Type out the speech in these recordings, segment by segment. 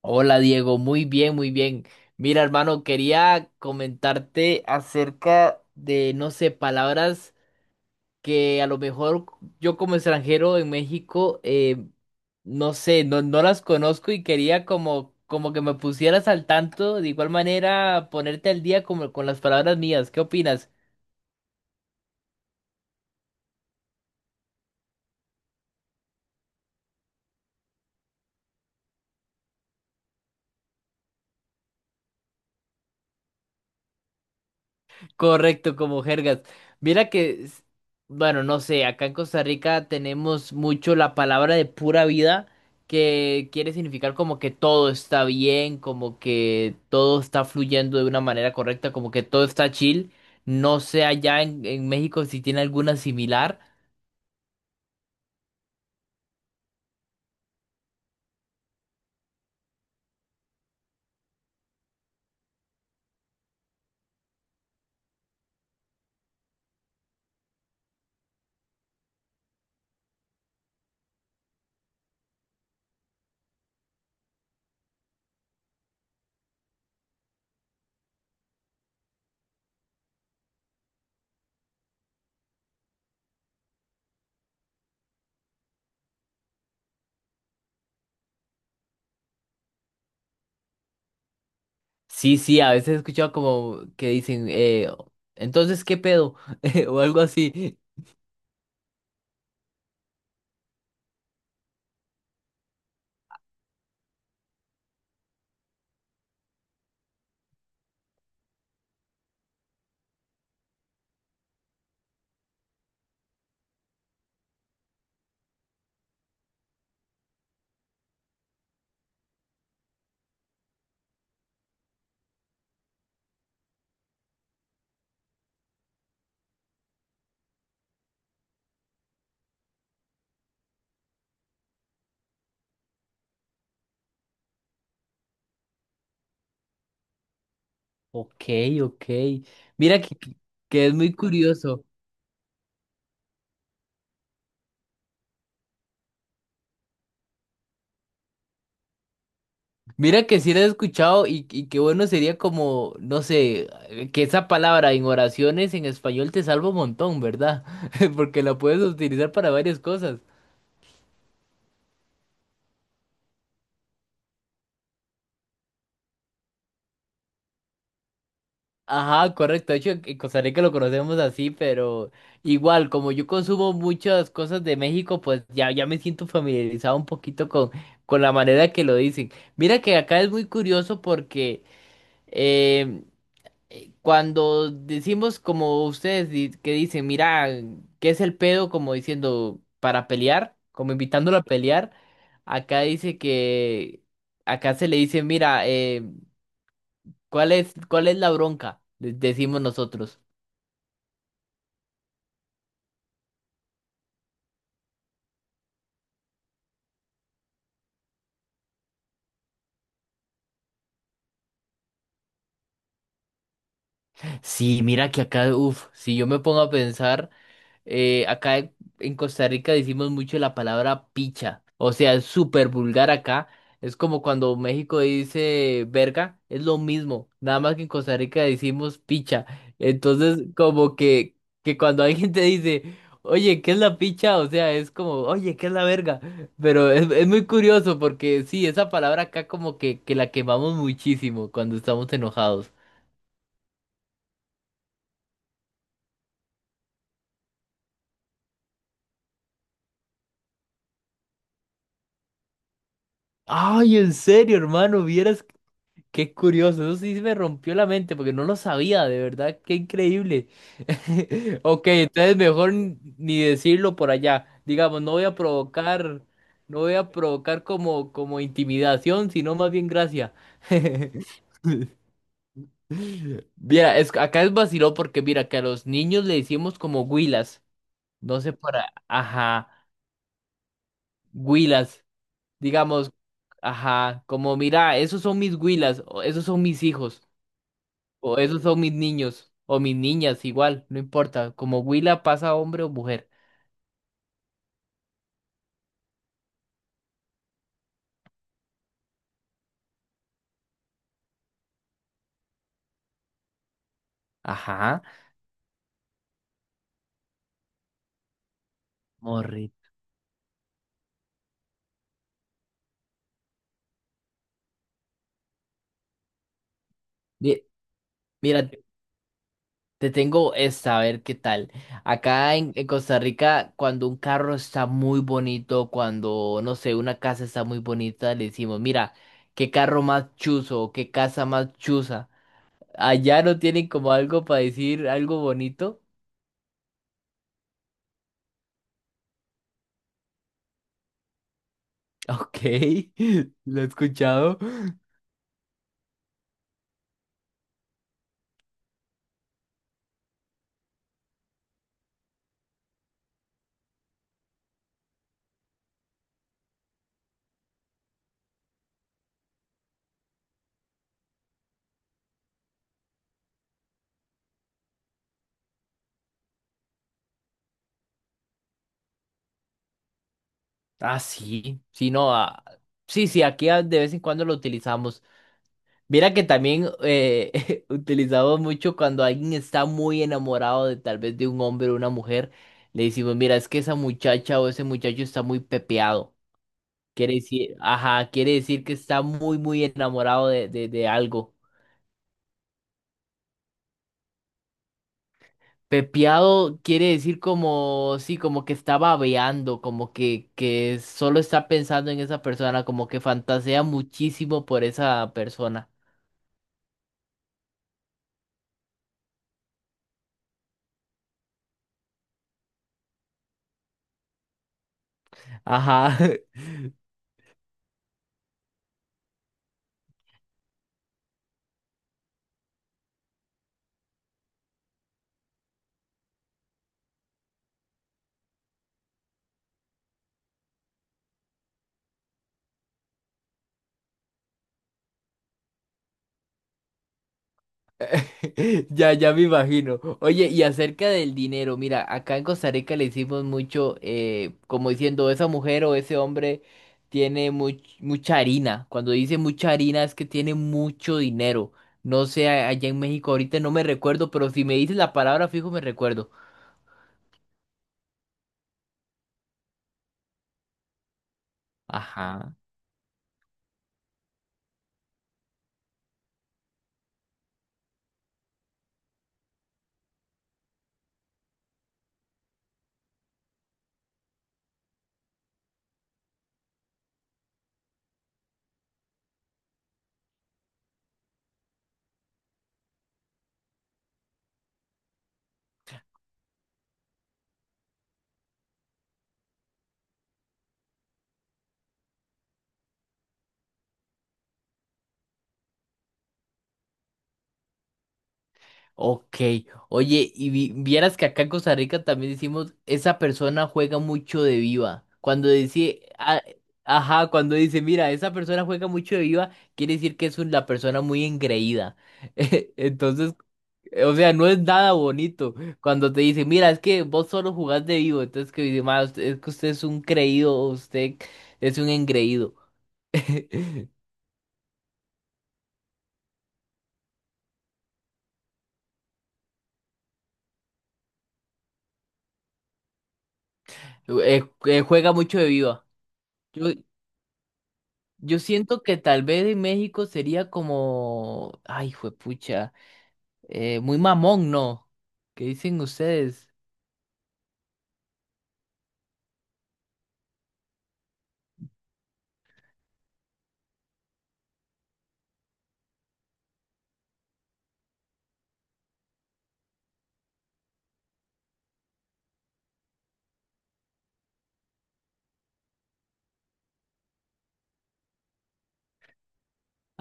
Hola Diego, muy bien, muy bien. Mira, hermano, quería comentarte acerca de, no sé, palabras que a lo mejor yo como extranjero en México, no sé, no las conozco y quería como, como que me pusieras al tanto, de igual manera ponerte al día como con las palabras mías. ¿Qué opinas? Correcto, como jergas. Mira que, bueno, no sé, acá en Costa Rica tenemos mucho la palabra de pura vida, que quiere significar como que todo está bien, como que todo está fluyendo de una manera correcta, como que todo está chill. No sé allá en México si tiene alguna similar. Sí, sí, a veces he escuchado como que dicen, entonces, ¿qué pedo? O algo así. Ok, ok. Mira que que es muy curioso. Mira que si lo he escuchado y qué bueno sería como, no sé, que esa palabra en oraciones en español te salva un montón, ¿verdad? Porque la puedes utilizar para varias cosas. Ajá, correcto. De hecho, en Costa Rica lo conocemos así, pero igual, como yo consumo muchas cosas de México, pues ya me siento familiarizado un poquito con la manera que lo dicen. Mira que acá es muy curioso porque em, cuando decimos como ustedes que dicen, mira, ¿qué es el pedo? Como diciendo, para pelear, como invitándolo a pelear. Acá dice que, acá se le dice, mira, cuál es la bronca? Decimos nosotros. Sí, mira que acá, uff, si yo me pongo a pensar, acá en Costa Rica decimos mucho la palabra picha, o sea, es súper vulgar acá, es como cuando México dice verga, es lo mismo, nada más que en Costa Rica decimos picha, entonces como que cuando alguien te dice, oye, ¿qué es la picha? O sea, es como, oye, ¿qué es la verga? Pero es muy curioso porque sí, esa palabra acá como que la quemamos muchísimo cuando estamos enojados. Ay, en serio, hermano, vieras qué curioso. Eso sí me rompió la mente porque no lo sabía, de verdad, qué increíble. Ok, entonces mejor ni decirlo por allá. Digamos, no voy a provocar, no voy a provocar como, como intimidación, sino más bien gracia. Mira, es, acá es vaciló porque mira que a los niños le decimos como huilas. No sé para, ajá, huilas. Digamos, ajá, como mira, esos son mis huilas, o esos son mis hijos, o esos son mis niños, o mis niñas, igual, no importa. Como huila pasa hombre o mujer. Ajá, morri. Mi- Mira, te tengo esta, a ver qué tal. Acá en Costa Rica, cuando un carro está muy bonito, cuando, no sé, una casa está muy bonita, le decimos, mira, qué carro más chuzo, o qué casa más chuza. Allá no tienen como algo para decir algo bonito. Ok, lo he escuchado. Ah, sí, sí, no, ah, sí, sí, aquí ah, de vez en cuando lo utilizamos. Mira que también utilizamos mucho cuando alguien está muy enamorado de tal vez de un hombre o una mujer, le decimos, mira, es que esa muchacha o ese muchacho está muy pepeado. Quiere decir, ajá, quiere decir que está muy, muy enamorado de algo. Pepeado quiere decir como, sí, como que está babeando, como que solo está pensando en esa persona, como que fantasea muchísimo por esa persona. Ajá, ya, ya me imagino. Oye, y acerca del dinero, mira, acá en Costa Rica le hicimos mucho, como diciendo, esa mujer o ese hombre tiene mucha harina. Cuando dice mucha harina es que tiene mucho dinero. No sé, allá en México ahorita no me recuerdo, pero si me dices la palabra fijo me recuerdo. Ajá. Ok. Oye, y vieras que acá en Costa Rica también decimos, esa persona juega mucho de viva. Cuando dice, ah, ajá, cuando dice, mira, esa persona juega mucho de viva, quiere decir que es una persona muy engreída. Entonces, o sea, no es nada bonito. Cuando te dicen, mira, es que vos solo jugás de vivo. Entonces, que dice, "Ma, usted- es que usted es un creído, usted es un engreído. Juega mucho de viva. Yo siento que tal vez en México sería como, ay, juepucha, muy mamón, ¿no? ¿Qué dicen ustedes?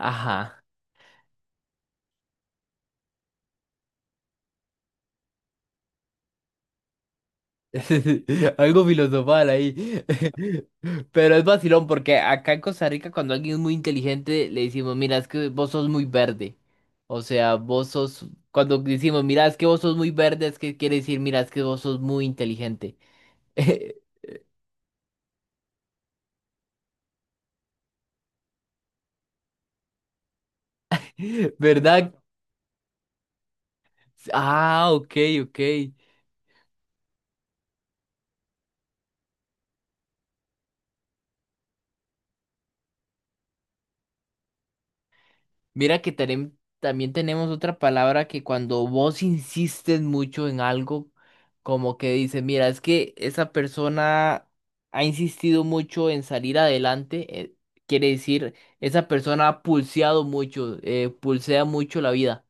Ajá. Algo filosofal ahí. Pero es vacilón porque acá en Costa Rica cuando alguien es muy inteligente le decimos, mira, es que vos sos muy verde. O sea, vos sos, cuando decimos, mira, es que vos sos muy verde, es que quiere decir, mira, es que vos sos muy inteligente. ¿Verdad? Ah, ok, ok. Mira que también tenemos otra palabra que cuando vos insistes mucho en algo, como que dices, mira, es que esa persona ha insistido mucho en salir adelante, quiere decir, esa persona ha pulseado mucho, pulsea mucho la vida.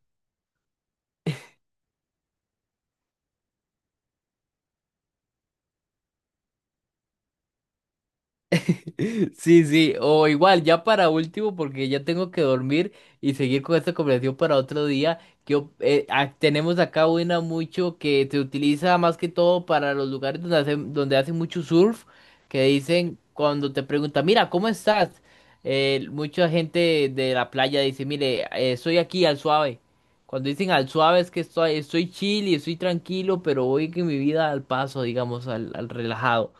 Sí, sí, o igual, ya para último, porque ya tengo que dormir y seguir con esta conversación para otro día. Yo, tenemos acá una mucho que se utiliza más que todo para los lugares donde hacen mucho surf, que dicen cuando te preguntan, mira, ¿cómo estás? Mucha gente de la playa dice, mire, estoy aquí al suave. Cuando dicen al suave es que estoy, estoy chill y estoy tranquilo, pero voy que mi vida al paso, digamos, al, al relajado.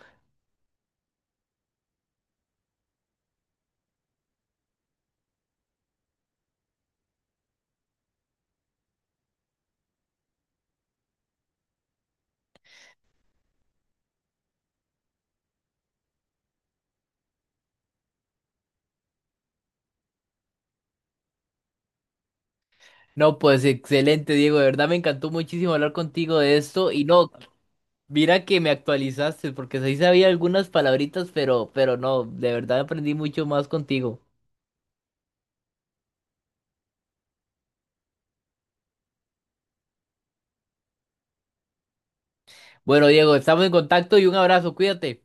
No, pues excelente, Diego. De verdad me encantó muchísimo hablar contigo de esto. Y no, mira que me actualizaste, porque sí sabía algunas palabritas, pero no, de verdad aprendí mucho más contigo. Bueno, Diego, estamos en contacto y un abrazo, cuídate.